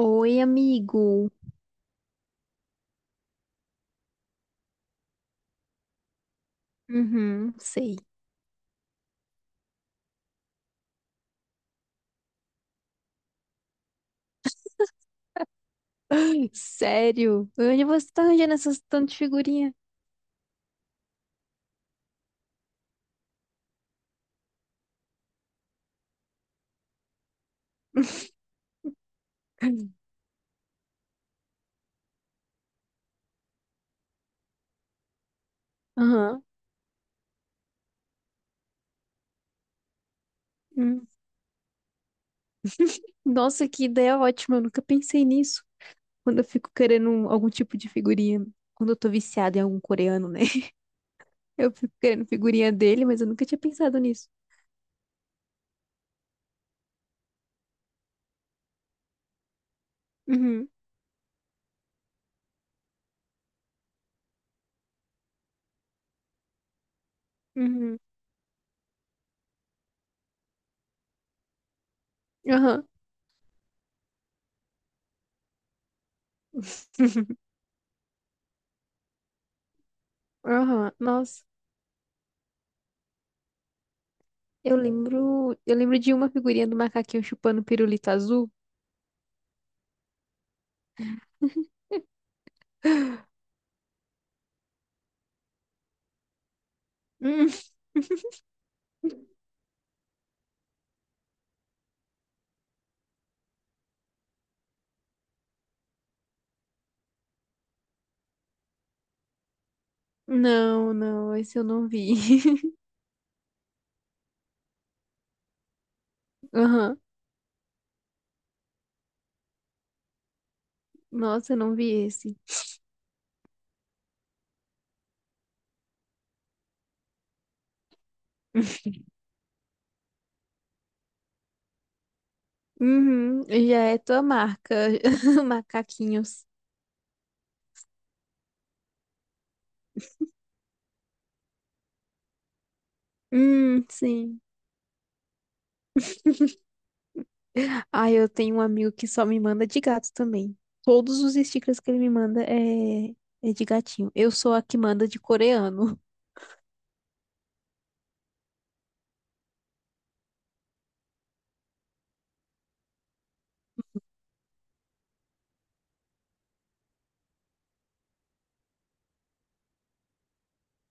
Oi, amigo. Uhum, sei. Sério? Onde você tá arranjando essas tantas figurinhas? Aham. Hum. Nossa, que ideia ótima. Eu nunca pensei nisso. Quando eu fico querendo algum tipo de figurinha. Quando eu tô viciada em algum coreano, né? Eu fico querendo figurinha dele, mas eu nunca tinha pensado nisso. Uhum, uhum. Aham, aham. Nossa. Eu lembro de uma figurinha do macaquinho chupando pirulito azul. Hum. Não, não, esse eu não vi. Aham. Nossa, eu não vi esse. Uhum, já é tua marca, macaquinhos. Sim. Ah, eu tenho um amigo que só me manda de gato também. Todos os stickers que ele me manda é de gatinho. Eu sou a que manda de coreano.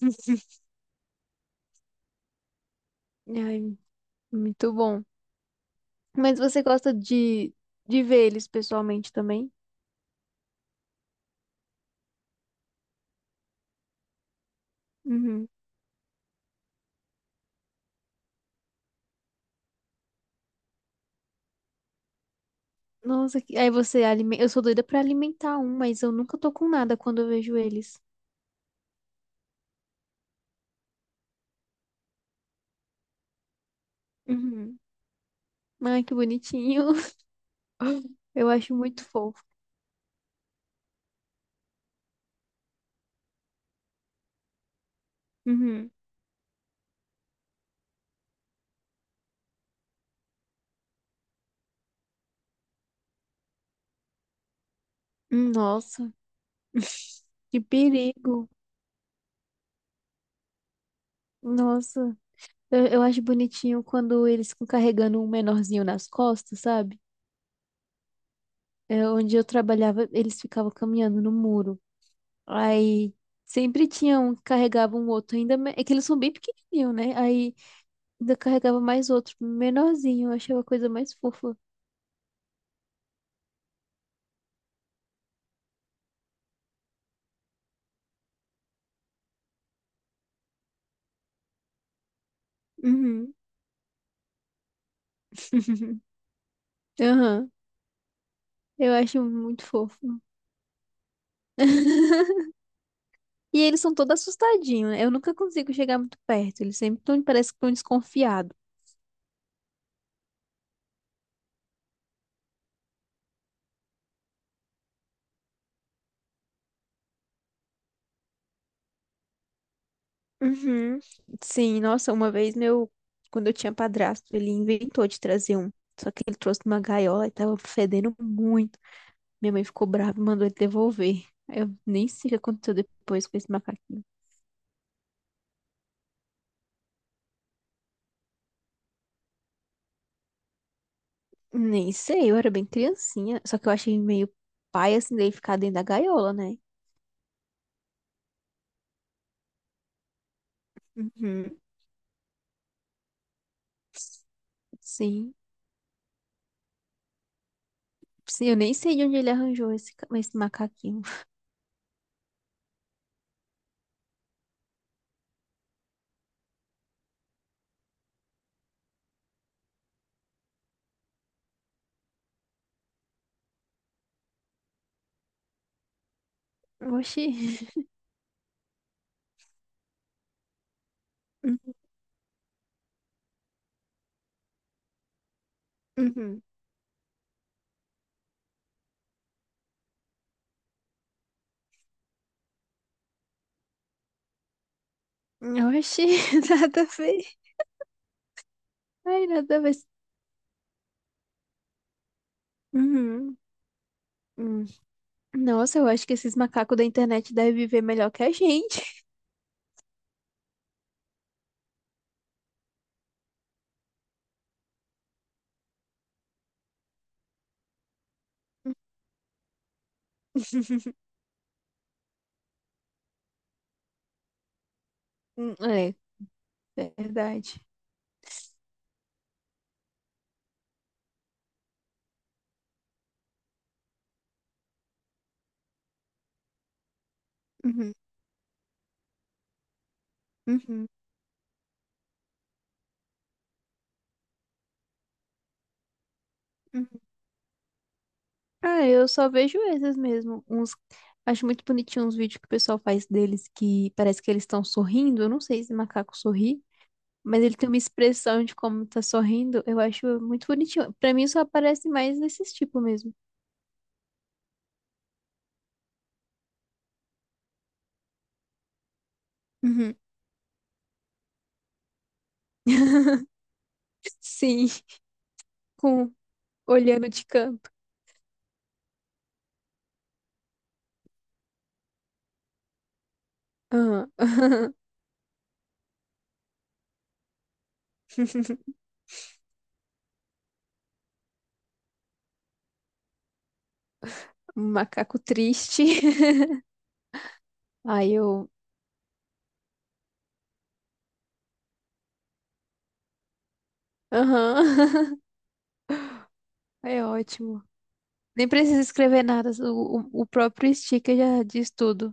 Ai, muito bom. Mas você gosta de ver eles pessoalmente também? Uhum. Nossa, aí você alimenta. Eu sou doida pra alimentar um, mas eu nunca tô com nada quando eu vejo eles. Uhum. Ai, que bonitinho. Eu acho muito fofo. Uhum. Hum. Nossa, que perigo. Nossa, eu acho bonitinho quando eles ficam carregando um menorzinho nas costas, sabe? É, onde eu trabalhava, eles ficavam caminhando no muro. Aí sempre tinha um que carregava um outro, ainda é que eles são bem pequenininhos, né? Aí ainda carregava mais outro, menorzinho. Eu achava a coisa mais fofa. Uhum. Aham. Eu acho muito fofo. E eles são todos assustadinhos, né? Eu nunca consigo chegar muito perto. Eles sempre tão, parece que estão desconfiados. Uhum. Sim, nossa, uma vez meu, quando eu tinha padrasto, ele inventou de trazer um. Só que ele trouxe numa gaiola e tava fedendo muito. Minha mãe ficou brava e mandou ele devolver. Eu nem sei o que aconteceu depois com esse macaquinho. Nem sei, eu era bem criancinha. Só que eu achei meio pai assim dele ficar dentro da gaiola, né? Uhum. Sim. Sim, eu nem sei de onde ele arranjou esse macaquinho. Oxi. Uhum. Uhum. Oxi, nada a ver. Ai, nada a ver. Uhum. Hum. Nossa, eu acho que esses macacos da internet devem viver melhor que a gente. Hum. É, verdade. Uhum. Uhum. Uhum. Ah, eu só vejo esses mesmo. Acho muito bonitinho uns vídeos que o pessoal faz deles que parece que eles estão sorrindo. Eu não sei se macaco sorri, mas ele tem uma expressão de como tá sorrindo. Eu acho muito bonitinho. Pra mim só aparece mais desses tipos mesmo. Uhum. Sim, com olhando de canto. Ah, um macaco triste. Aí eu. Aham. É ótimo. Nem precisa escrever nada. O próprio sticker já diz tudo.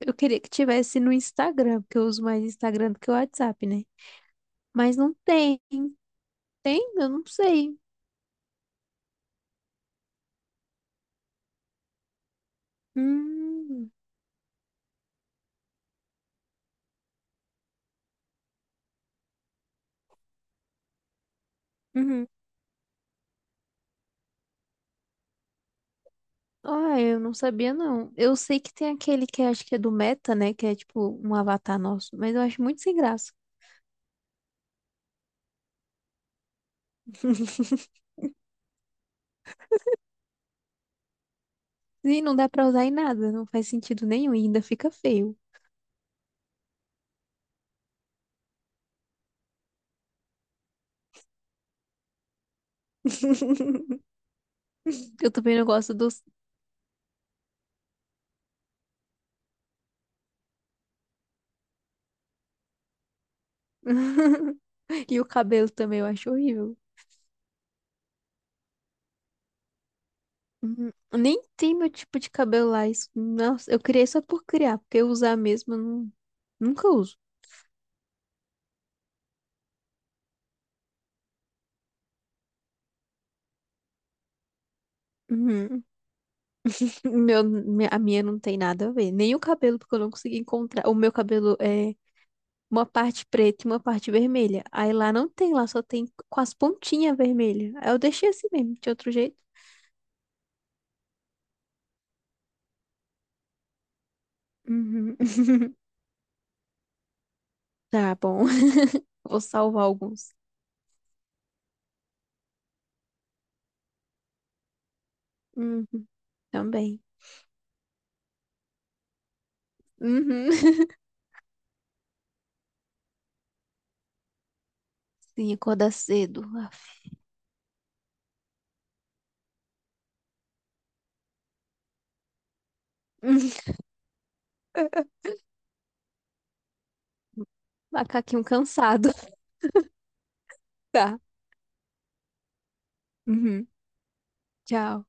Eu queria que tivesse no Instagram, porque eu uso mais Instagram do que o WhatsApp, né? Mas não tem. Tem? Eu não sei. Hum. Uhum. Ah, eu não sabia, não. Eu sei que tem aquele que acho que é do Meta, né? Que é tipo um avatar nosso, mas eu acho muito sem graça. E não dá pra usar em nada, não faz sentido nenhum e ainda fica feio. Eu também não gosto dos. E o cabelo também eu acho horrível. Uhum. Nem tem meu tipo de cabelo lá. Isso, nossa, eu criei só por criar, porque usar mesmo eu não, nunca uso. Uhum. Meu, a minha não tem nada a ver. Nem o cabelo, porque eu não consegui encontrar. O meu cabelo é uma parte preta e uma parte vermelha. Aí lá não tem, lá só tem com as pontinhas vermelhas. Aí eu deixei assim mesmo, de outro jeito. Uhum. Tá bom. Vou salvar alguns. Uhum, também. Uhum. Sim, acordar cedo. Af. Uhum. Macaquinho cansado. Tá. Uhum. Tchau.